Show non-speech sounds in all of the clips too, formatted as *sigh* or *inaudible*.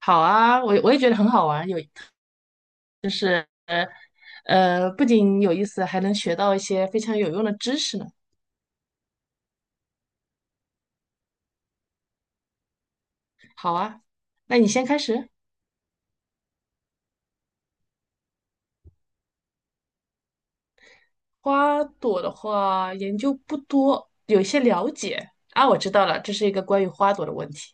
好啊，我也觉得很好玩，不仅有意思，还能学到一些非常有用的知识呢。好啊，那你先开始。花朵的话，研究不多，有一些了解啊，我知道了，这是一个关于花朵的问题。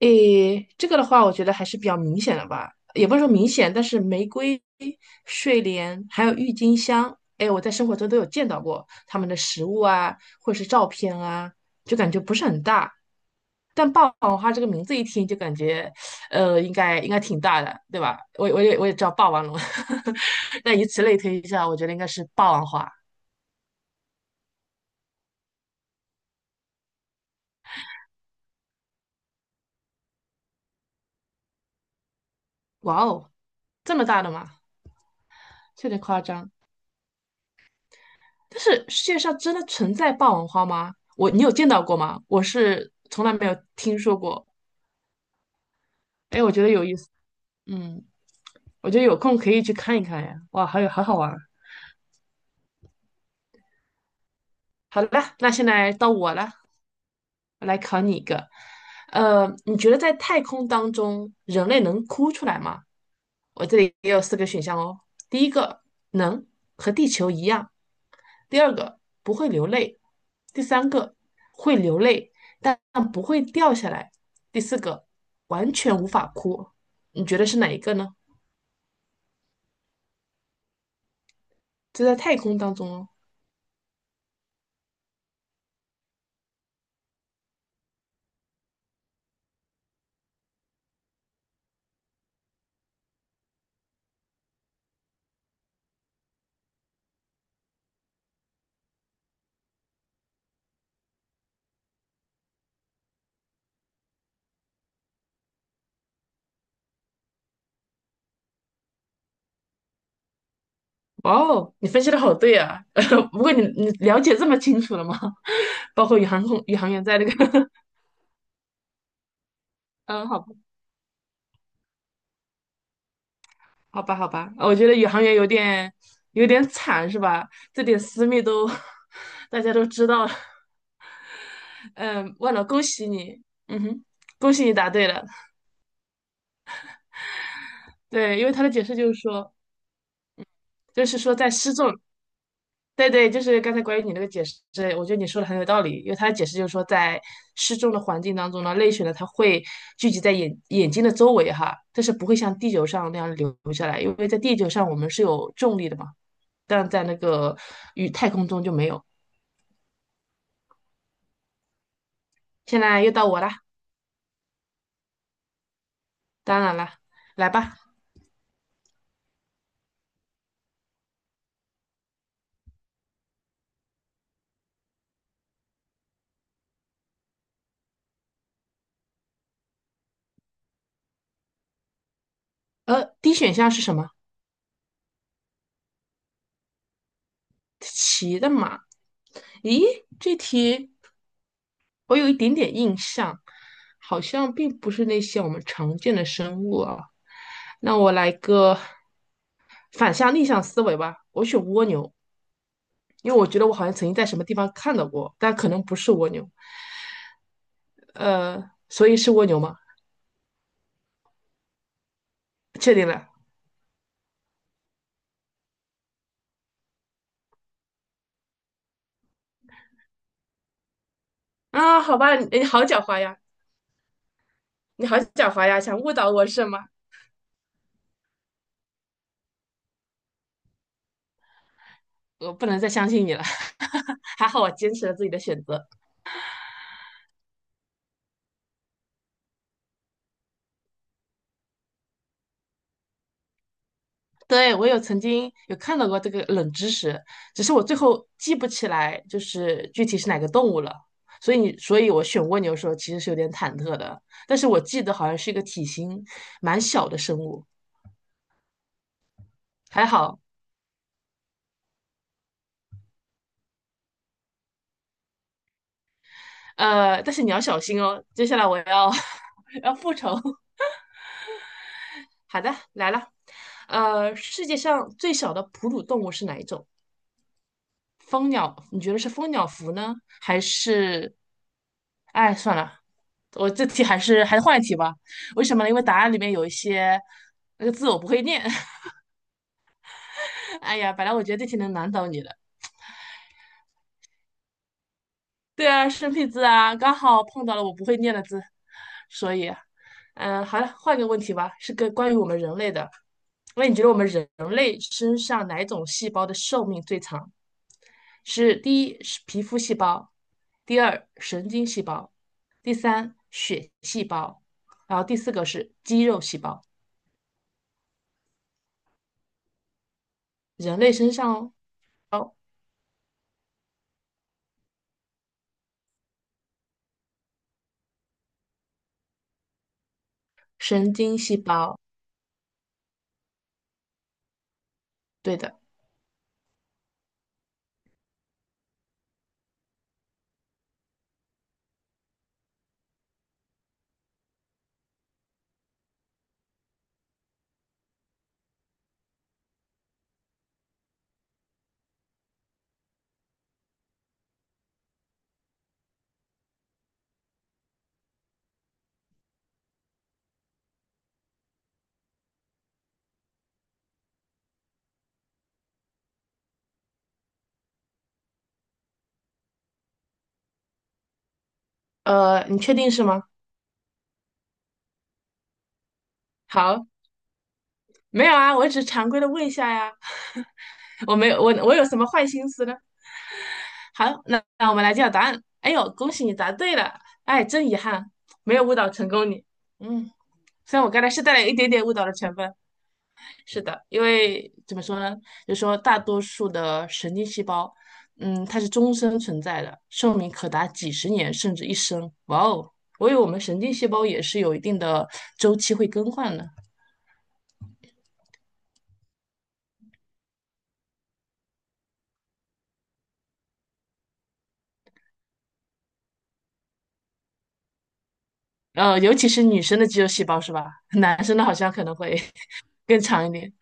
诶，这个的话，我觉得还是比较明显的吧，也不是说明显，但是玫瑰、睡莲还有郁金香，诶，我在生活中都有见到过它们的实物啊，或者是照片啊，就感觉不是很大。但霸王花这个名字一听就感觉，应该挺大的，对吧？我也知道霸王龙，*laughs* 那以此类推一下，我觉得应该是霸王花。哇哦，这么大的吗？有点夸张。但是世界上真的存在霸王花吗？我，你有见到过吗？我是从来没有听说过。哎，我觉得有意思，嗯，我觉得有空可以去看一看呀。哇，还有好好玩儿。好了，那现在到我了。我来考你一个，你觉得在太空当中，人类能哭出来吗？我这里也有四个选项哦。第一个，能，和地球一样；第二个，不会流泪；第三个，会流泪，但不会掉下来；第四个，完全无法哭。你觉得是哪一个呢？就在太空当中哦。哇哦，你分析的好对啊！*laughs* 不过你了解这么清楚了吗？*laughs* 包括宇航员在那个，*laughs* 嗯，好吧好吧，好吧，我觉得宇航员有点惨，是吧？这点私密都 *laughs* 大家都知道了。嗯，忘了，恭喜你，嗯哼，恭喜你答对了。对，因为他的解释就是说，就是说在失重，对对，就是刚才关于你那个解释，我觉得你说的很有道理。因为他的解释就是说，在失重的环境当中呢，泪水呢它会聚集在眼睛的周围哈，但是不会像地球上那样流下来，因为在地球上我们是有重力的嘛，但在那个与太空中就没有。现在又到我了，当然了，来吧。呃，D 选项是什么？骑的马。咦，这题我有一点点印象，好像并不是那些我们常见的生物啊。那我来个逆向思维吧，我选蜗牛，因为我觉得我好像曾经在什么地方看到过，但可能不是蜗牛。呃，所以是蜗牛吗？确定了啊？好吧，你好狡猾呀，你好狡猾呀，想误导我是吗？我不能再相信你了。*laughs* 还好我坚持了自己的选择。对，我曾经有看到过这个冷知识，只是我最后记不起来，就是具体是哪个动物了。所以我选蜗牛的时候其实是有点忐忑的，但是我记得好像是一个体型蛮小的生物，还好。但是你要小心哦，接下来我要 *laughs* 要复仇。好的，来了。呃，世界上最小的哺乳动物是哪一种？蜂鸟，你觉得是蜂鸟蝠呢，还是哎，算了，我这题还是换一题吧。为什么呢？因为答案里面有一些那个字我不会念。*laughs* 哎呀，本来我觉得这题能难倒你的。对啊，生僻字啊，刚好碰到了我不会念的字，所以，嗯，好了，换个问题吧，是个关于我们人类的。那你觉得我们人类身上哪种细胞的寿命最长？是第一是皮肤细胞，第二神经细胞，第三血细胞，然后第四个是肌肉细胞。人类身上哦，神经细胞，对的。呃，你确定是吗？好，没有啊，我只是常规的问一下呀。*laughs* 我没有，我有什么坏心思呢？好，那我们来揭晓答案。哎呦，恭喜你答对了！哎，真遗憾，没有误导成功你。嗯，虽然我刚才是带了一点点误导的成分。是的，因为怎么说呢，就是说大多数的神经细胞，嗯，它是终身存在的，寿命可达几十年甚至一生。哇哦，我以为我们神经细胞也是有一定的周期会更换的，尤其是女生的肌肉细胞是吧？*laughs* 男生的好像可能会 *laughs* 更长一点。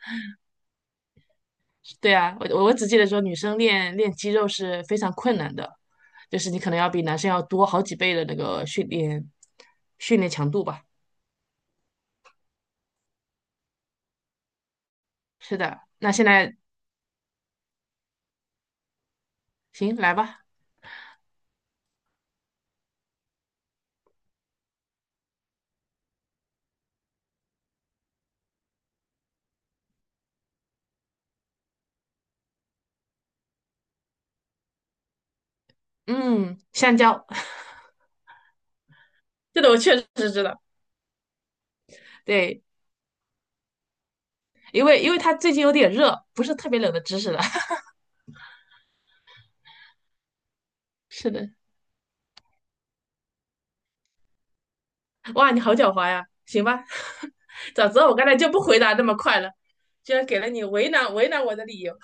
对啊，我只记得说女生练肌肉是非常困难的，就是你可能要比男生要多好几倍的那个训练强度吧。是的，那现在行，来吧。嗯，香蕉，*laughs* 这个我确实知道。对，因为它最近有点热，不是特别冷的知识了。*laughs* 是的，哇，你好狡猾呀！行吧，*laughs* 早知道我刚才就不回答那么快了，居然给了你为难我的理由。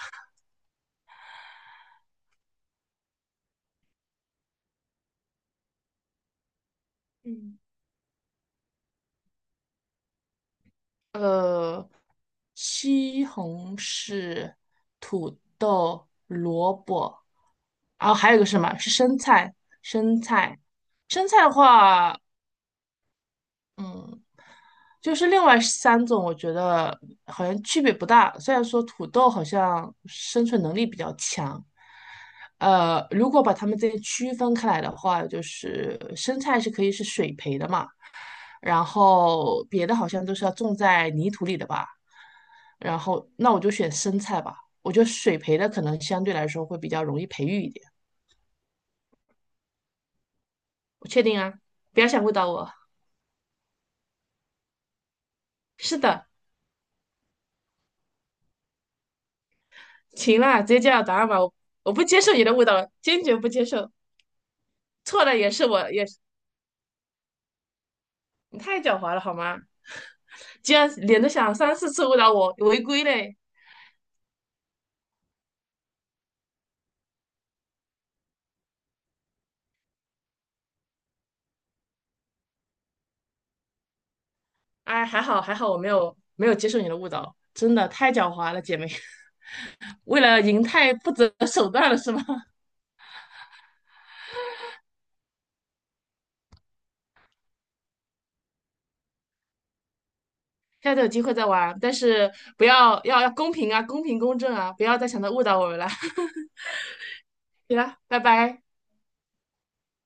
嗯，呃，西红柿、土豆、萝卜，然后还有一个是什么？是生菜，生菜，生菜的话，嗯，就是另外三种，我觉得好像区别不大。虽然说土豆好像生存能力比较强，如果把它们这些区分开来的话，就是生菜是可以是水培的嘛，然后别的好像都是要种在泥土里的吧。然后那我就选生菜吧，我觉得水培的可能相对来说会比较容易培育一点。我确定啊，不要想误导我。是的，行了，直接揭晓答案吧，我不接受你的误导，坚决不接受。错了也是我，也是你太狡猾了好吗？竟然连着想三四次误导我，违规嘞！哎，还好还好，我没有接受你的误导，真的太狡猾了，姐妹。*laughs* 为了赢太不择手段了是吗？*laughs* 下次有机会再玩，但是不要公平啊，公平公正啊，不要再想着误导我们了。*laughs* 行了，拜拜。